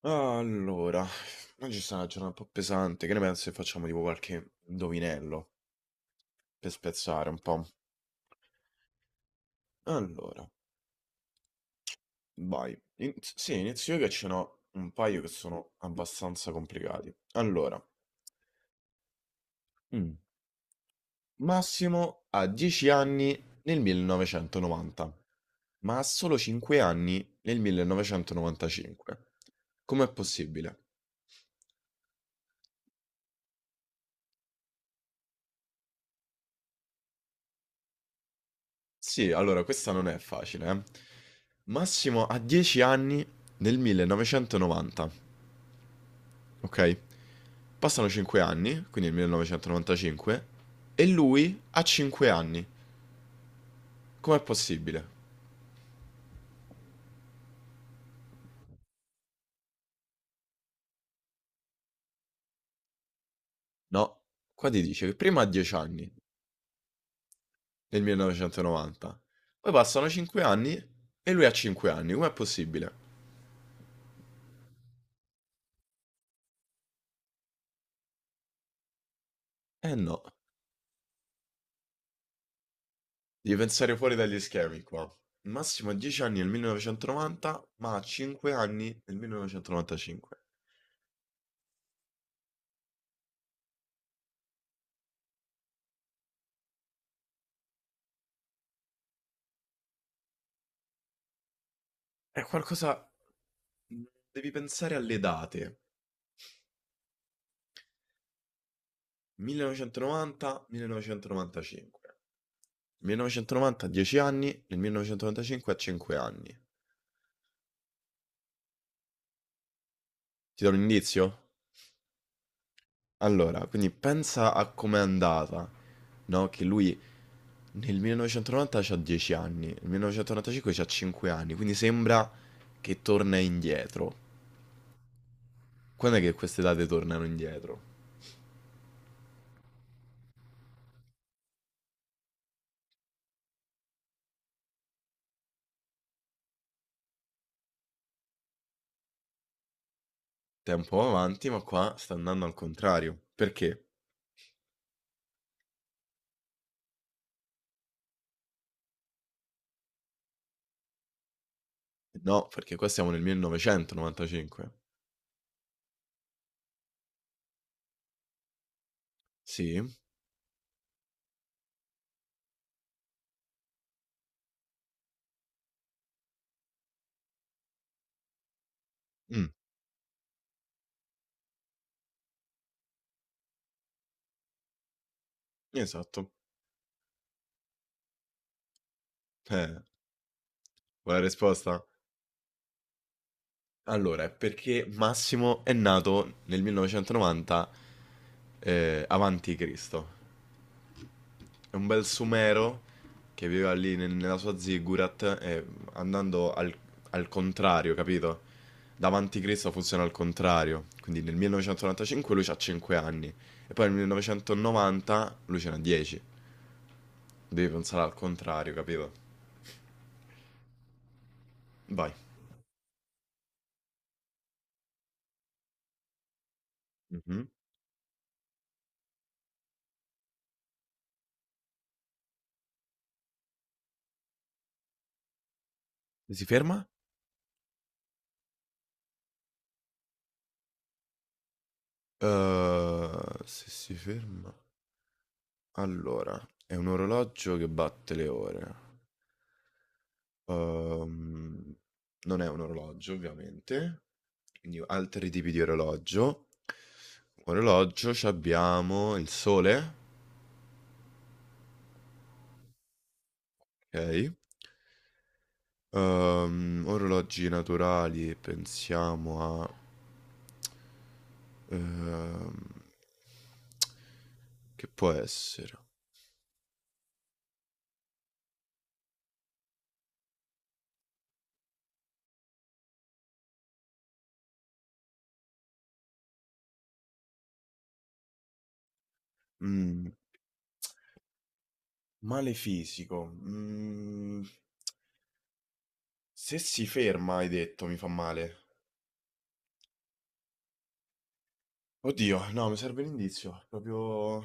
Allora, oggi è stata una giornata un po' pesante, che ne pensi se facciamo tipo qualche indovinello per spezzare un po'? Allora, vai. Sì, inizio io che ce n'ho un paio che sono abbastanza complicati. Allora, Mm. Massimo ha 10 anni nel 1990, ma ha solo 5 anni nel 1995. Com'è possibile? Sì, allora questa non è facile, eh. Massimo ha 10 anni nel 1990, ok? Passano 5 anni, quindi nel 1995, e lui ha 5 anni. Com'è possibile? No, qua ti dice che prima ha 10 anni nel 1990, poi passano 5 anni e lui ha 5 anni. Com'è possibile? Eh no, devi pensare fuori dagli schemi qua. Massimo ha 10 anni nel 1990, ma ha 5 anni nel 1995. È qualcosa... mhmm, devi pensare alle date. 1990, 1995. 1990 ha 10 anni, nel 1995 ha 5 anni. Ti do un indizio? Allora, quindi pensa a com'è andata, no? Che lui nel 1990 c'ha 10 anni, nel 1995 c'ha 5 anni, quindi sembra che torna indietro. Quando è che queste date tornano indietro? Tempo avanti, ma qua sta andando al contrario. Perché? No, perché qua siamo nel 1995. Sì? Mh, esatto. Eh, vuoi la risposta? Allora, è perché Massimo è nato nel 1990 avanti Cristo. È un bel sumero che viveva lì nella sua ziggurat, e andando al contrario, capito? Davanti Cristo funziona al contrario. Quindi nel 1995 lui ha 5 anni e poi nel 1990 lui ce n'ha 10. Devi pensare al contrario, capito? Vai. Mhm. Se si ferma? Se si ferma... Allora, è un orologio che batte le ore. Ehm, Non è un orologio, ovviamente. Quindi altri tipi di orologio. Orologio, ci abbiamo il sole, ok? Orologi naturali, pensiamo a... ehm, che può essere? Mm. Male fisico. Se si ferma, hai detto, mi fa male. Oddio, no, mi serve l'indizio. Proprio...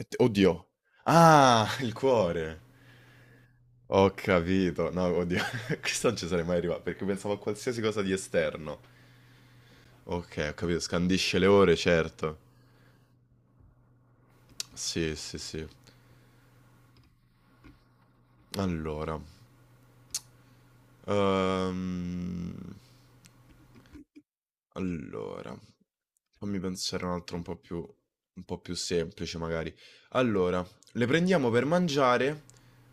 Oddio. Ah, il cuore. Ho capito. No, oddio. Questo non ci sarei mai arrivato perché pensavo a qualsiasi cosa di esterno. Ok, ho capito. Scandisce le ore, certo. Sì, sì, sì. Allora. Ehm, Allora, fammi pensare un altro un po' più semplice magari. Allora, le prendiamo per mangiare,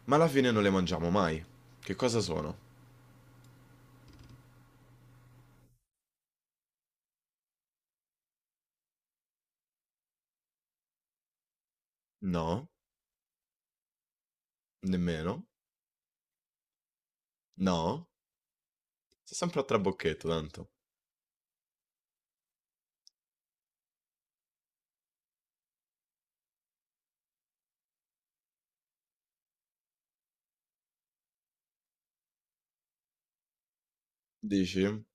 ma alla fine non le mangiamo mai. Che cosa sono? No, nemmeno. No, sto sempre a trabocchetto tanto. Dici?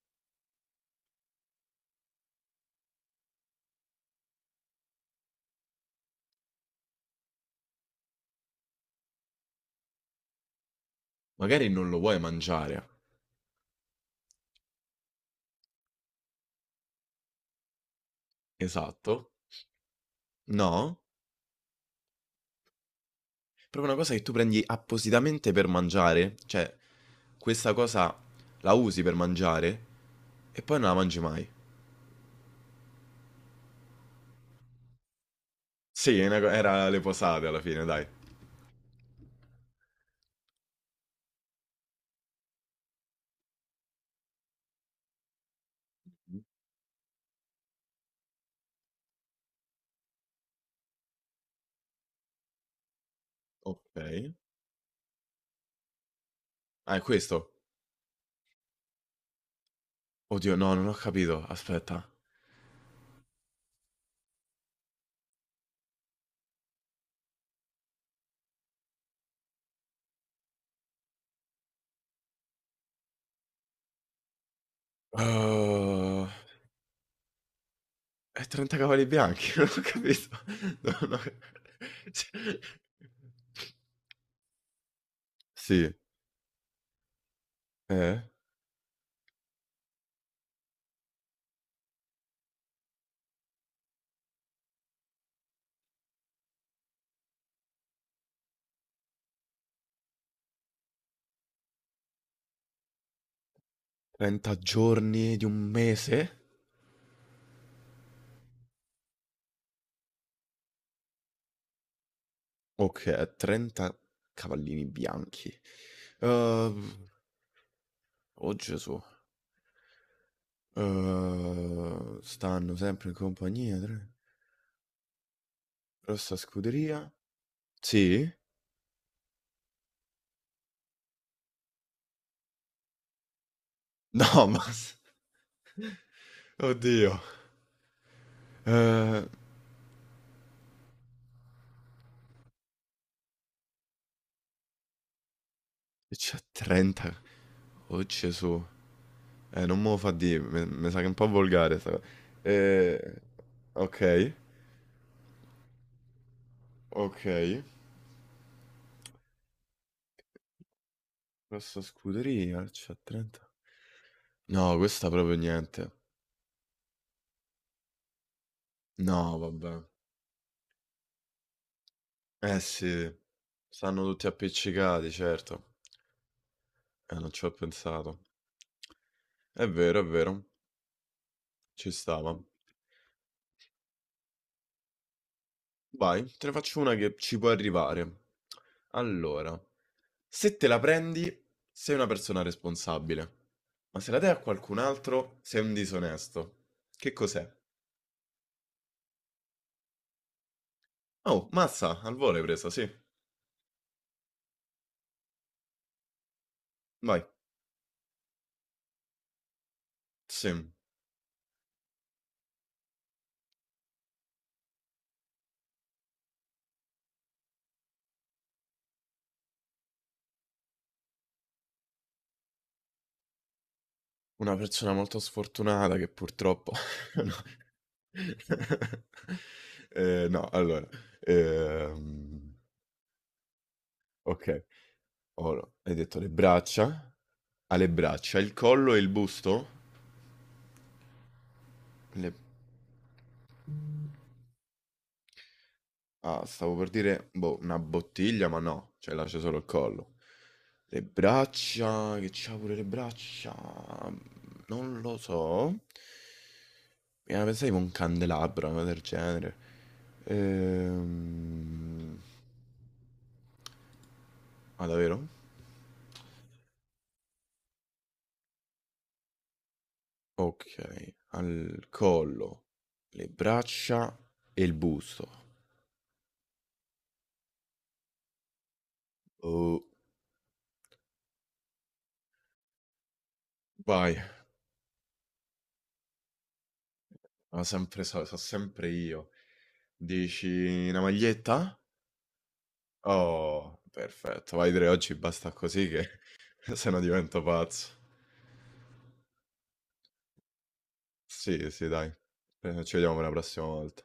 Magari non lo vuoi mangiare. Esatto. No, proprio una cosa che tu prendi appositamente per mangiare, cioè questa cosa la usi per mangiare e poi non la mangi mai. Sì, era le posate alla fine, dai. Okay. Ah, è questo? Oddio, no, non ho capito. Aspetta. Uhm, è 30 cavalli bianchi, non ho capito. Non ho cioè sì, eh? 30 giorni di un mese? Oka 30 cavallini bianchi. Uhm, oh Gesù. Stanno sempre in compagnia tre rossa scuderia. Sì? No, ma s oddio. Uhm E c'ha 30. Oh Gesù. Non me lo fa dire, mi sa che è un po' volgare sta cosa. Eh, ok, ok. Questa scuderia c'ha 30. No, questa proprio niente. No, vabbè. Eh sì, stanno tutti appiccicati, certo. Non ci ho pensato. È vero, ci stava. Vai, te ne faccio una che ci può arrivare. Allora, se te la prendi, sei una persona responsabile. Ma se la dai a qualcun altro, sei un disonesto. Che cos'è? Oh, mazza, al volo hai presa, sì. Vai. Sì, una persona molto sfortunata che purtroppo... No. No, allora... ehm, ok. Ora, hai detto le braccia? Ha le braccia, il collo e il busto? Le- Ah, stavo per dire, boh, una bottiglia, ma no, cioè là c'è solo il collo. Le braccia, che c'ha pure le braccia, non lo so. Mi era pensato tipo un candelabro, una cosa del genere. Ehm... Ah, davvero? Ok, al collo, le braccia e il busto. Oh, vai, ma sempre so sempre io. Dici una maglietta? Oh, perfetto. Vai 3 oggi basta così che se no divento pazzo. Sì, sì, dai. Ci vediamo per la prossima volta.